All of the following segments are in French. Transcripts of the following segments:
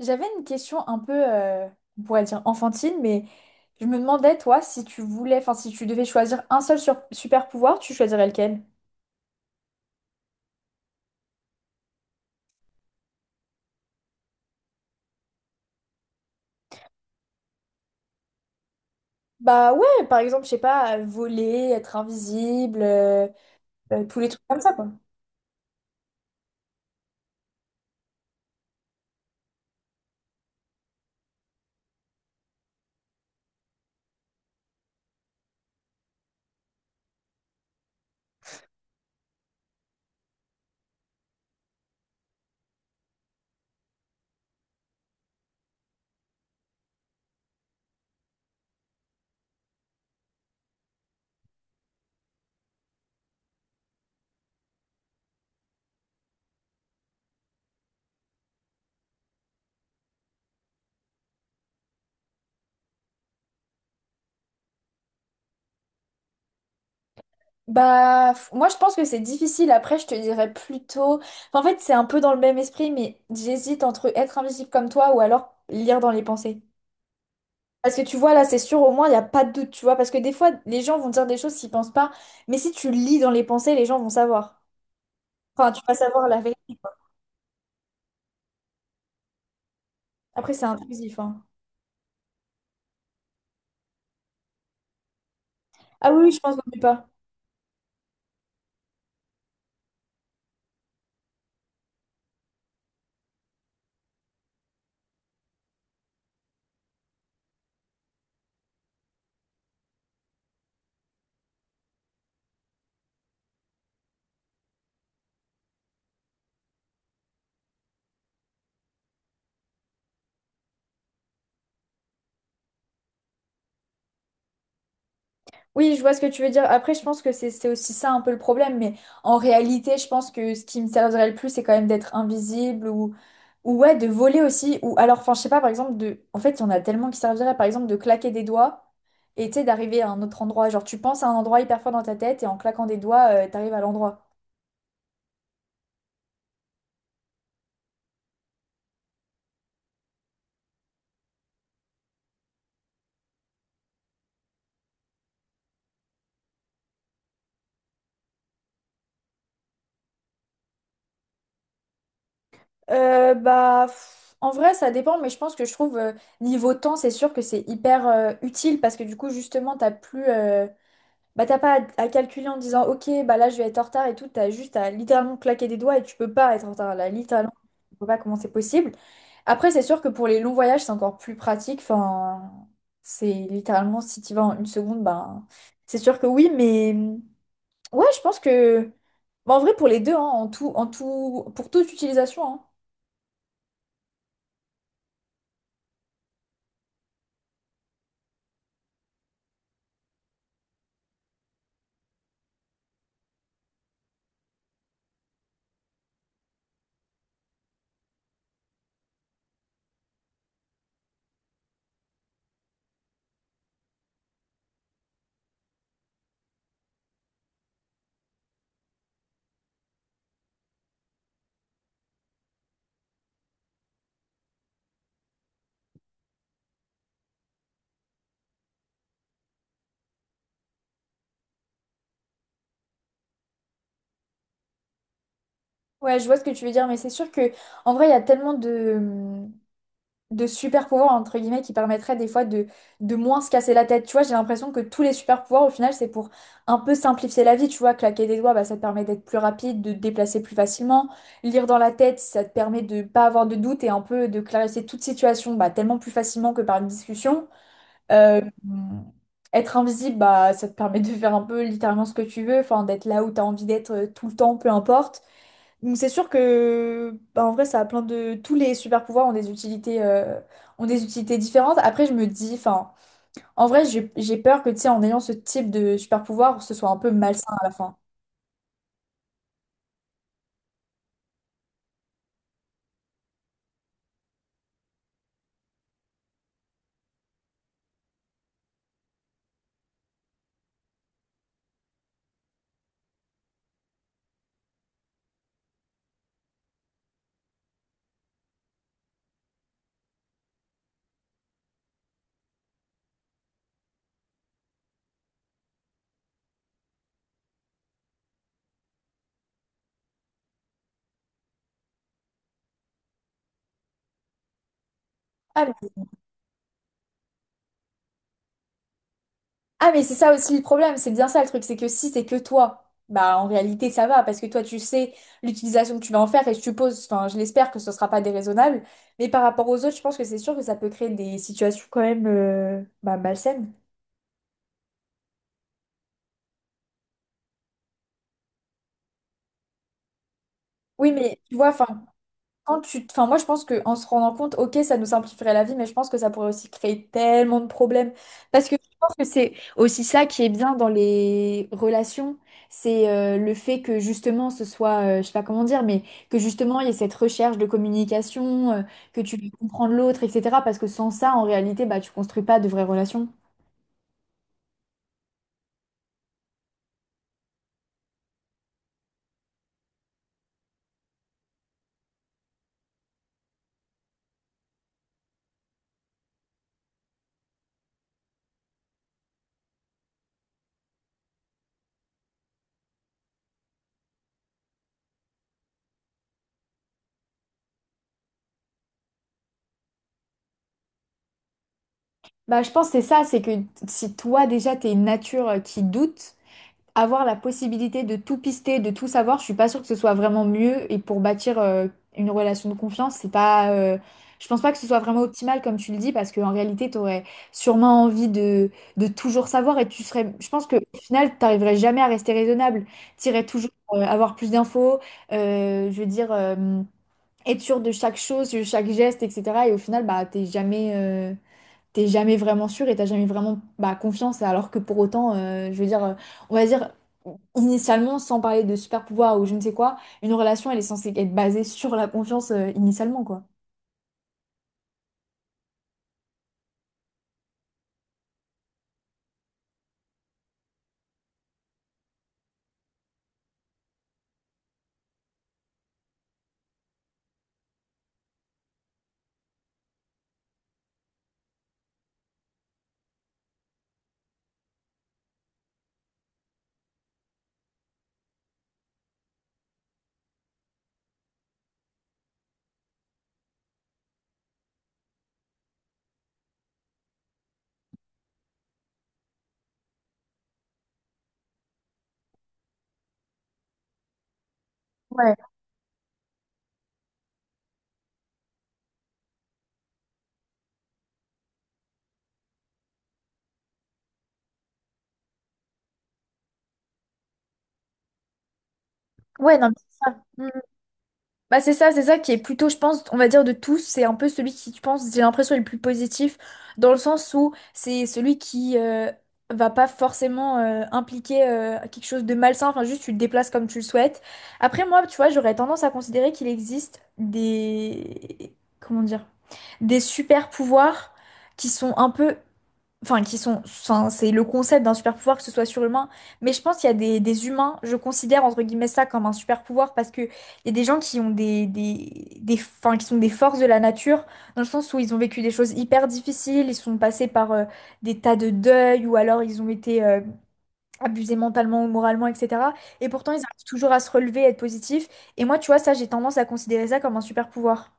J'avais une question un peu, on pourrait dire enfantine, mais je me demandais, toi, si tu voulais, enfin, si tu devais choisir un seul super pouvoir, tu choisirais lequel? Bah ouais, par exemple, je sais pas, voler, être invisible, tous les trucs comme ça, quoi. Bah, moi, je pense que c'est difficile. Après, je te dirais plutôt. Enfin, en fait, c'est un peu dans le même esprit, mais j'hésite entre être invisible comme toi ou alors lire dans les pensées. Parce que tu vois, là, c'est sûr, au moins, il n'y a pas de doute, tu vois. Parce que des fois, les gens vont dire des choses s'ils pensent pas. Mais si tu lis dans les pensées, les gens vont savoir. Enfin, tu vas savoir la vérité. Quoi. Après, c'est intrusif, hein. Ah oui, oui, je pense qu'on n'est pas. Oui, je vois ce que tu veux dire. Après, je pense que c'est aussi ça un peu le problème. Mais en réalité, je pense que ce qui me servirait le plus, c'est quand même d'être invisible ou ouais, de voler aussi. Ou alors, enfin, je sais pas, par exemple, de En fait, il y en a tellement qui serviraient, par exemple, de claquer des doigts. Et tu sais, d'arriver à un autre endroit. Genre, tu penses à un endroit hyper fort dans ta tête et en claquant des doigts, t'arrives à l'endroit. En vrai, ça dépend, mais je pense que je trouve niveau temps, c'est sûr que c'est hyper utile parce que du coup, justement, t'as plus, bah, t'as pas à calculer en disant, ok, bah là, je vais être en retard et tout. T'as juste à littéralement claquer des doigts et tu peux pas être en retard. Là, littéralement, je vois pas comment c'est possible. Après, c'est sûr que pour les longs voyages, c'est encore plus pratique. Enfin, c'est littéralement si tu vas en une seconde, ben c'est sûr que oui, mais ouais, je pense que, bah, en vrai, pour les deux, hein, en tout, pour toute utilisation, hein. Ouais, je vois ce que tu veux dire, mais c'est sûr que en vrai, il y a tellement de super pouvoirs entre guillemets qui permettraient des fois de moins se casser la tête. Tu vois, j'ai l'impression que tous les super pouvoirs, au final, c'est pour un peu simplifier la vie. Tu vois, claquer des doigts, bah, ça te permet d'être plus rapide, de te déplacer plus facilement. Lire dans la tête, ça te permet de pas avoir de doute et un peu de clarifier toute situation, bah, tellement plus facilement que par une discussion. Euh, être invisible, bah, ça te permet de faire un peu littéralement ce que tu veux, enfin, d'être là où tu as envie d'être tout le temps, peu importe. Donc c'est sûr que bah, en vrai ça a plein de tous les super pouvoirs ont des utilités ont des utilités différentes. Après je me dis enfin en vrai j'ai peur que tu sais en ayant ce type de super pouvoir ce soit un peu malsain à la fin. Ah mais, ah, mais c'est ça aussi le problème, c'est bien ça le truc, c'est que si c'est que toi, bah en réalité ça va parce que toi tu sais l'utilisation que tu vas en faire et je suppose enfin je l'espère que ce sera pas déraisonnable, mais par rapport aux autres, je pense que c'est sûr que ça peut créer des situations quand même bah, malsaines. Oui, mais tu vois, enfin, quand tu Enfin, moi, je pense qu'en se rendant compte, ok, ça nous simplifierait la vie, mais je pense que ça pourrait aussi créer tellement de problèmes. Parce que je pense que c'est aussi ça qui est bien dans les relations, c'est le fait que justement ce soit, je sais pas comment dire, mais que justement il y ait cette recherche de communication, que tu veux comprendre l'autre, etc. Parce que sans ça, en réalité, bah, tu construis pas de vraies relations. Bah, je pense que c'est ça, c'est que si toi déjà t'es une nature qui doute, avoir la possibilité de tout pister, de tout savoir, je suis pas sûre que ce soit vraiment mieux. Et pour bâtir une relation de confiance, c'est pas, je pense pas que ce soit vraiment optimal comme tu le dis, parce qu'en réalité, tu aurais sûrement envie de toujours savoir et tu serais, je pense que au final, t'arriverais jamais à rester raisonnable. T'irais toujours avoir plus d'infos, je veux dire, être sûr de chaque chose, de chaque geste, etc. Et au final, bah, t'es jamais vraiment sûr et t'as jamais vraiment bah, confiance. Alors que pour autant, je veux dire, on va dire, initialement, sans parler de super pouvoir ou je ne sais quoi, une relation, elle est censée être basée sur la confiance, initialement, quoi. Ouais, ouais, non, mais c'est ça. Bah c'est ça qui est plutôt, je pense, on va dire de tous, c'est un peu celui qui, je pense, j'ai l'impression est le plus positif, dans le sens où c'est celui qui va pas forcément impliquer quelque chose de malsain, enfin juste tu le déplaces comme tu le souhaites. Après moi, tu vois, j'aurais tendance à considérer qu'il existe des comment dire? Des super pouvoirs qui sont un peu enfin qui sont enfin, c'est le concept d'un super pouvoir que ce soit surhumain mais je pense qu'il y a des humains je considère entre guillemets ça comme un super pouvoir parce que il y a des gens qui ont enfin, qui sont des forces de la nature, dans le sens où ils ont vécu des choses hyper difficiles, ils sont passés par des tas de deuils, ou alors ils ont été abusés mentalement ou moralement, etc. Et pourtant, ils arrivent toujours à se relever, à être positifs. Et moi, tu vois, ça, j'ai tendance à considérer ça comme un super pouvoir.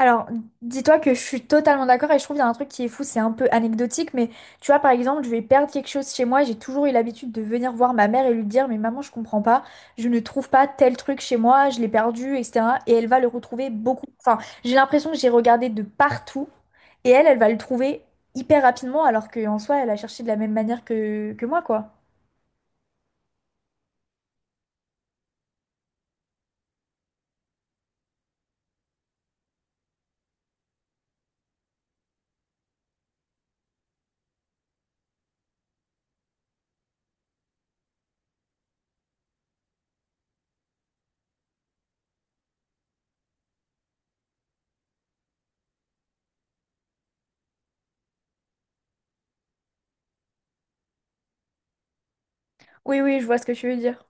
Alors, dis-toi que je suis totalement d'accord et je trouve qu'il y a un truc qui est fou, c'est un peu anecdotique, mais tu vois, par exemple, je vais perdre quelque chose chez moi, j'ai toujours eu l'habitude de venir voir ma mère et lui dire, mais maman, je comprends pas, je ne trouve pas tel truc chez moi, je l'ai perdu, etc. Et elle va le retrouver beaucoup. Enfin, j'ai l'impression que j'ai regardé de partout et elle, elle va le trouver hyper rapidement alors qu'en soi, elle a cherché de la même manière que moi, quoi. Oui, oui, je vois ce que tu veux dire.